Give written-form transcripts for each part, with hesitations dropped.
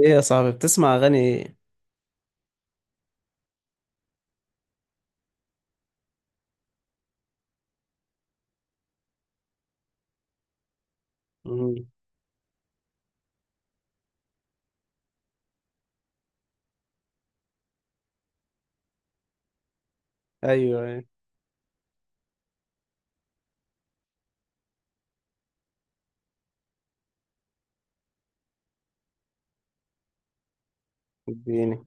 ايه يا صاحبي، بتسمع اغاني ايه؟ مم. ايوه، ايوه. اديني.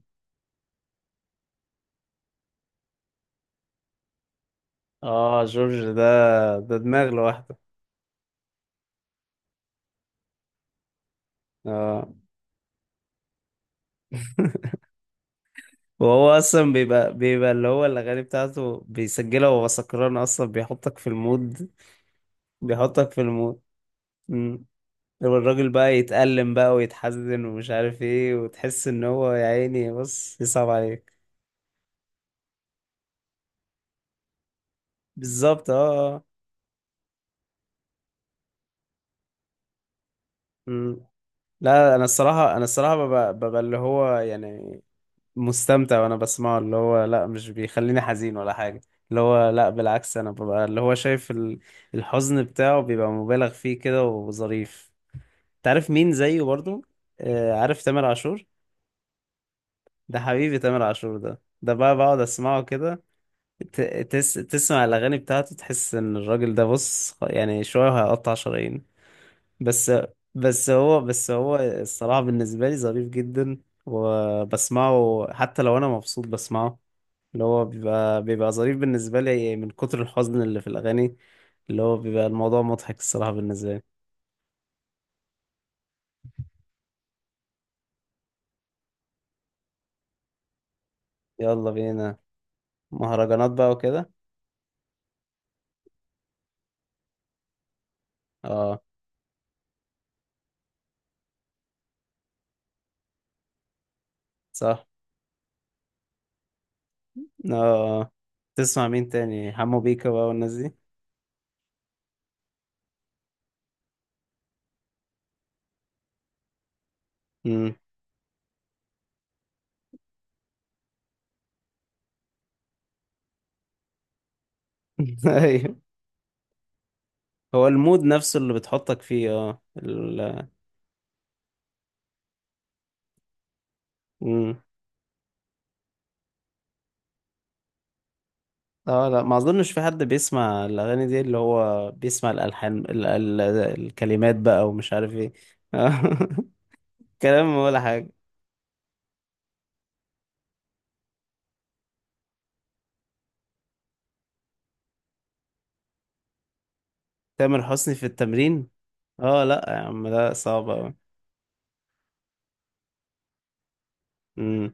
اه، جورج ده ده دماغ لوحده. اه. وهو اصلا بيبقى اللي هو الاغاني بتاعته بيسجلها وهو سكران، اصلا بيحطك في المود. بيحطك في المود. امم والراجل بقى يتألم بقى ويتحزن ومش عارف ايه، وتحس ان هو يا عيني بص يصعب عليك. بالظبط، اه، اه. مم. لا، انا الصراحه ببقى اللي هو يعني مستمتع وانا بسمعه، اللي هو لا مش بيخليني حزين ولا حاجة. اللي هو لا، بالعكس، انا ببقى اللي هو شايف الحزن بتاعه بيبقى مبالغ فيه كده وظريف. تعرف مين زيه برضو؟ آه، عارف، تامر عاشور. ده حبيبي تامر عاشور، ده بقى بقعد اسمعه كده. ت- تس تسمع الاغاني بتاعته تحس ان الراجل ده بص يعني شوية وهيقطع شرايين. بس بس هو الصراحة بالنسبة لي ظريف جدا، وبسمعه حتى لو انا مبسوط بسمعه. اللي هو بيبقى ظريف بالنسبة لي من كتر الحزن اللي في الأغاني، اللي هو بيبقى الموضوع مضحك الصراحة بالنسبة لي. يلا بينا. مهرجانات بقى وكده. اه. صح. اه. آه. تسمع مين تاني؟ حمو بيكا بقى والناس دي. امم ايوه. هو المود نفسه اللي بتحطك فيه، اه، امم اه لا ما اظنش في حد بيسمع الاغاني دي اللي هو بيسمع الالحان، الكلمات بقى ومش عارف ايه. كلام ولا حاجة. تامر حسني في التمرين؟ اه لا يا عم، لا صعب أوي. أمم.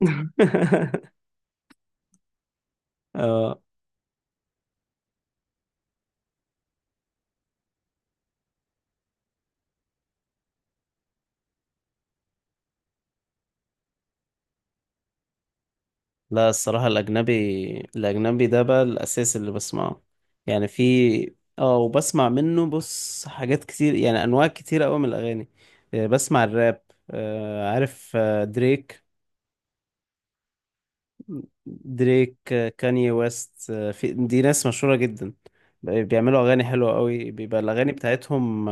اه لا الصراحة الأجنبي، ده بقى الأساس اللي بسمعه. يعني في، اه، وبسمع منه بص حاجات كتير، يعني أنواع كتير أوي من الأغاني. آه، بسمع الراب. آه، عارف، دريك. دريك، كاني ويست، في دي ناس مشهورة جدا، بيعملوا أغاني حلوة أوي. بيبقى الأغاني بتاعتهم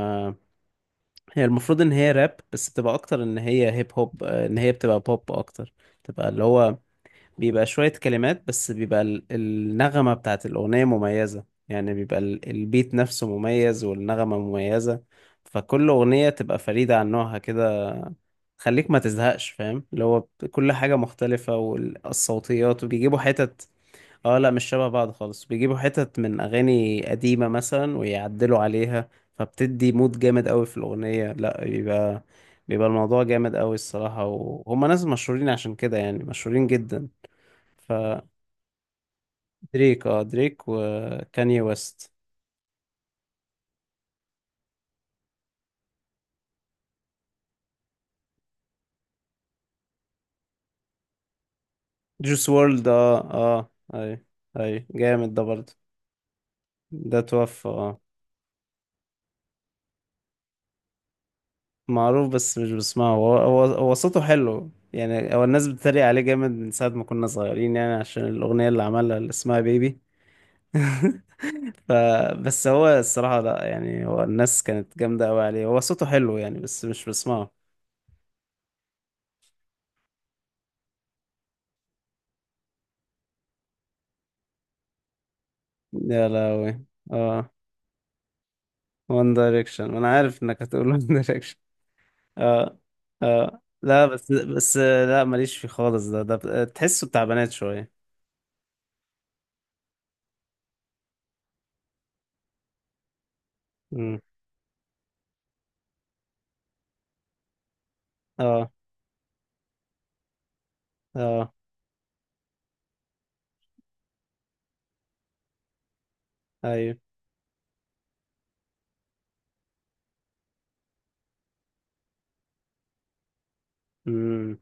هي المفروض ان هي راب، بس بتبقى اكتر ان هي هيب هوب، ان هي بتبقى بوب اكتر. بتبقى اللي هو بيبقى شوية كلمات، بس بيبقى النغمة بتاعت الأغنية مميزة، يعني بيبقى البيت نفسه مميز والنغمة مميزة. فكل أغنية تبقى فريدة عن نوعها كده، خليك ما تزهقش. فاهم اللي هو كل حاجة مختلفة، والصوتيات وبيجيبوا حتت. اه لا، مش شبه بعض خالص، بيجيبوا حتت من اغاني قديمة مثلا ويعدلوا عليها، فبتدي مود جامد قوي في الاغنية. لا بيبقى، بيبقى الموضوع جامد قوي الصراحة، وهم ناس مشهورين عشان كده يعني، مشهورين جدا. فدريك اه دريك وكاني ويست. جوس وورلد. اه اي. اي جامد ده برضه. ده توفى، اه. معروف بس مش بسمعه. هو هو صوته حلو يعني، هو الناس بتتريق عليه جامد من ساعة ما كنا صغيرين، يعني عشان الأغنية اللي عملها اللي اسمها بيبي. ف بس هو الصراحة لا يعني، هو الناس كانت جامدة أوي عليه، هو صوته حلو يعني بس مش بسمعه. يا لهوي. اه. وان دايركشن؟ أنا عارف إنك هتقول وان دايركشن. اه. اه لا، بس بس لا ماليش فيه خالص، ده تحسه بتاع بنات شوية. مم. اه. اه. أيوه. مم.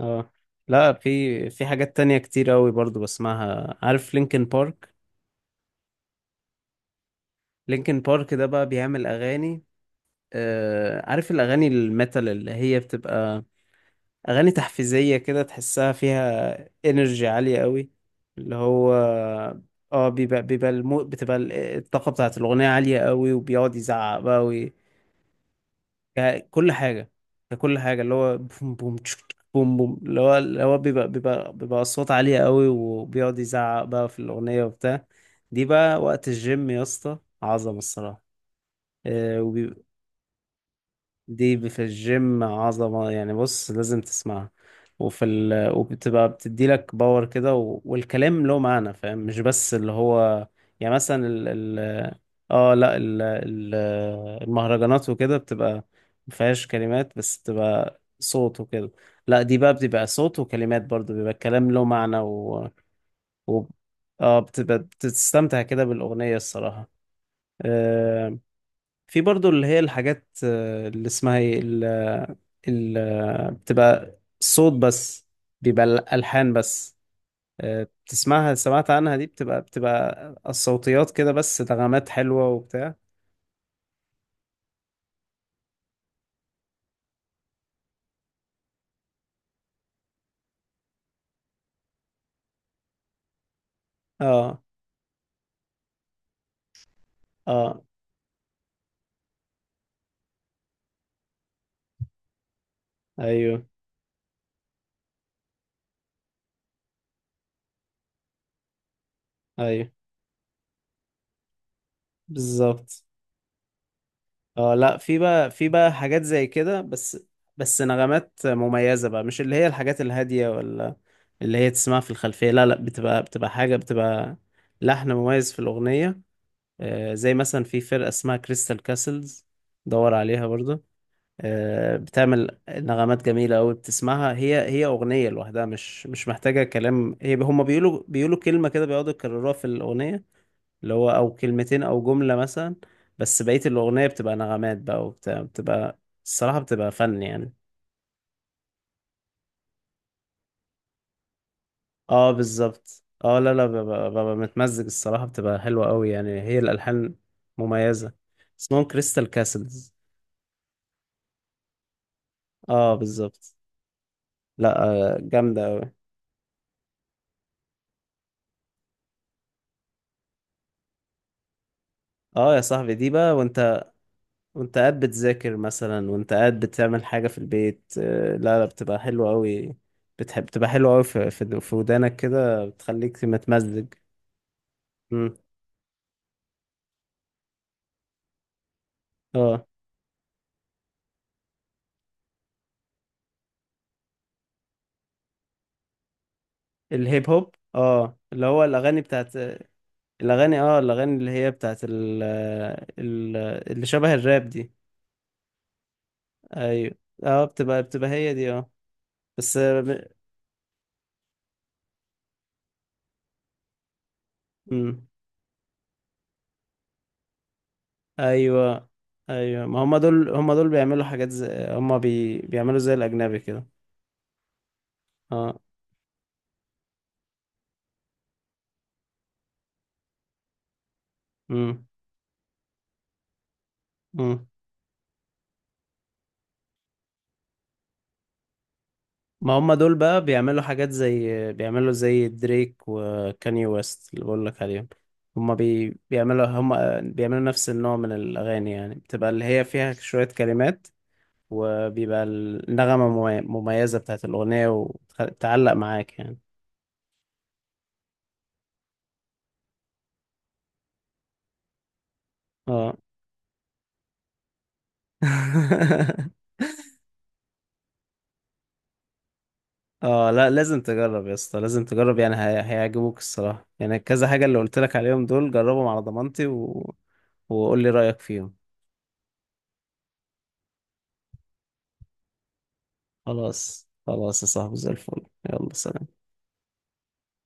اه لا، في حاجات تانية كتير أوي برضو بسمعها. عارف لينكن بارك؟ لينكن بارك ده بقى بيعمل أغاني. آه، عارف الأغاني الميتال اللي هي بتبقى أغاني تحفيزية كده، تحسها فيها إنرجي عالية قوي. اللي هو، اه، بيبقى بتبقى الطاقة بتاعة الأغنية عالية قوي، وبيقعد يزعق بقى كل حاجة. كل حاجة اللي هو بوم بوم تشك تشك بوم بوم، اللي هو بيبقى الصوت عالية قوي، وبيقعد يزعق بقى في الأغنية وبتاع. دي بقى وقت الجيم يا اسطى، عظمة الصراحة. دي في الجيم عظمة يعني، بص لازم تسمعها. وفي وبتبقى بتدي لك باور كده، والكلام له معنى فاهم، مش بس اللي هو يعني مثلا ال... اه لا، المهرجانات وكده بتبقى مفيهاش كلمات، بس بتبقى صوت وكده. لا دي بقى بتبقى صوت وكلمات برضو، بيبقى الكلام له معنى و... اه، بتبقى بتستمتع كده بالأغنية الصراحة. آه، في برضو اللي هي الحاجات، آه، اللي اسمها ايه، بتبقى صوت بس، بيبقى الألحان بس. آه، بتسمعها، سمعت عنها، دي بتبقى الصوتيات كده بس، نغمات حلوة وبتاع. اه. اه. ايوه، ايوه. بالظبط. اه لا، في بقى حاجات زي كده، بس. بس نغمات مميزة بقى، مش اللي هي الحاجات الهادية، ولا اللي هي تسمعها في الخلفية. لا، لا، بتبقى حاجة، بتبقى لحن مميز في الأغنية. آه، زي مثلا في فرقة اسمها كريستال كاسلز، دور عليها برضه. آه، بتعمل نغمات جميلة أوي بتسمعها، هي أغنية لوحدها، مش محتاجة كلام. هي هما بيقولوا كلمة كده، بيقعدوا يكرروها في الأغنية، اللي هو، أو كلمتين أو جملة مثلا. بس بقية الأغنية بتبقى نغمات بقى وبتاع، بتبقى الصراحة بتبقى فن يعني. اه، بالظبط. اه لا لا، ببقى متمزج الصراحة، بتبقى حلوة أوي يعني، هي الألحان مميزة. اسمهم كريستال كاسلز. اه بالظبط. لا. آه، جامدة أوي. اه يا صاحبي، دي بقى، وانت قاعد بتذاكر مثلا، وانت قاعد بتعمل حاجة في البيت، آه، لا لا بتبقى حلوة أوي. بتحب بتبقى حلوة أوي في ودانك كده، بتخليك متمزج. مم. اه. الهيب هوب، اه، اللي هو الأغاني بتاعت الأغاني، الأغاني اللي هي بتاعت ال... اللي شبه الراب دي. أيوة. اه بتبقى هي دي، اه. بس آه، مم. ايوه، ايوه. ما هم دول، هم دول بيعملوا حاجات زي هم بيعملوا زي الاجنبي كده. اه. امم. امم. ما هم دول بقى بيعملوا حاجات زي بيعملوا زي دريك وكاني ويست اللي بقول لك عليهم. هم بيعملوا نفس النوع من الاغاني، يعني بتبقى اللي هي فيها شوية كلمات، وبيبقى النغمة مميزة بتاعت الاغنية وتعلق معاك يعني. اه. اه لا، لازم تجرب يا اسطى، لازم تجرب يعني، هيعجبوك الصراحة يعني. كذا حاجة اللي قلت لك عليهم دول، جربهم على ضمانتي وقول لي رأيك فيهم. خلاص، خلاص يا صاحبي، زي الفل، يلا سلام.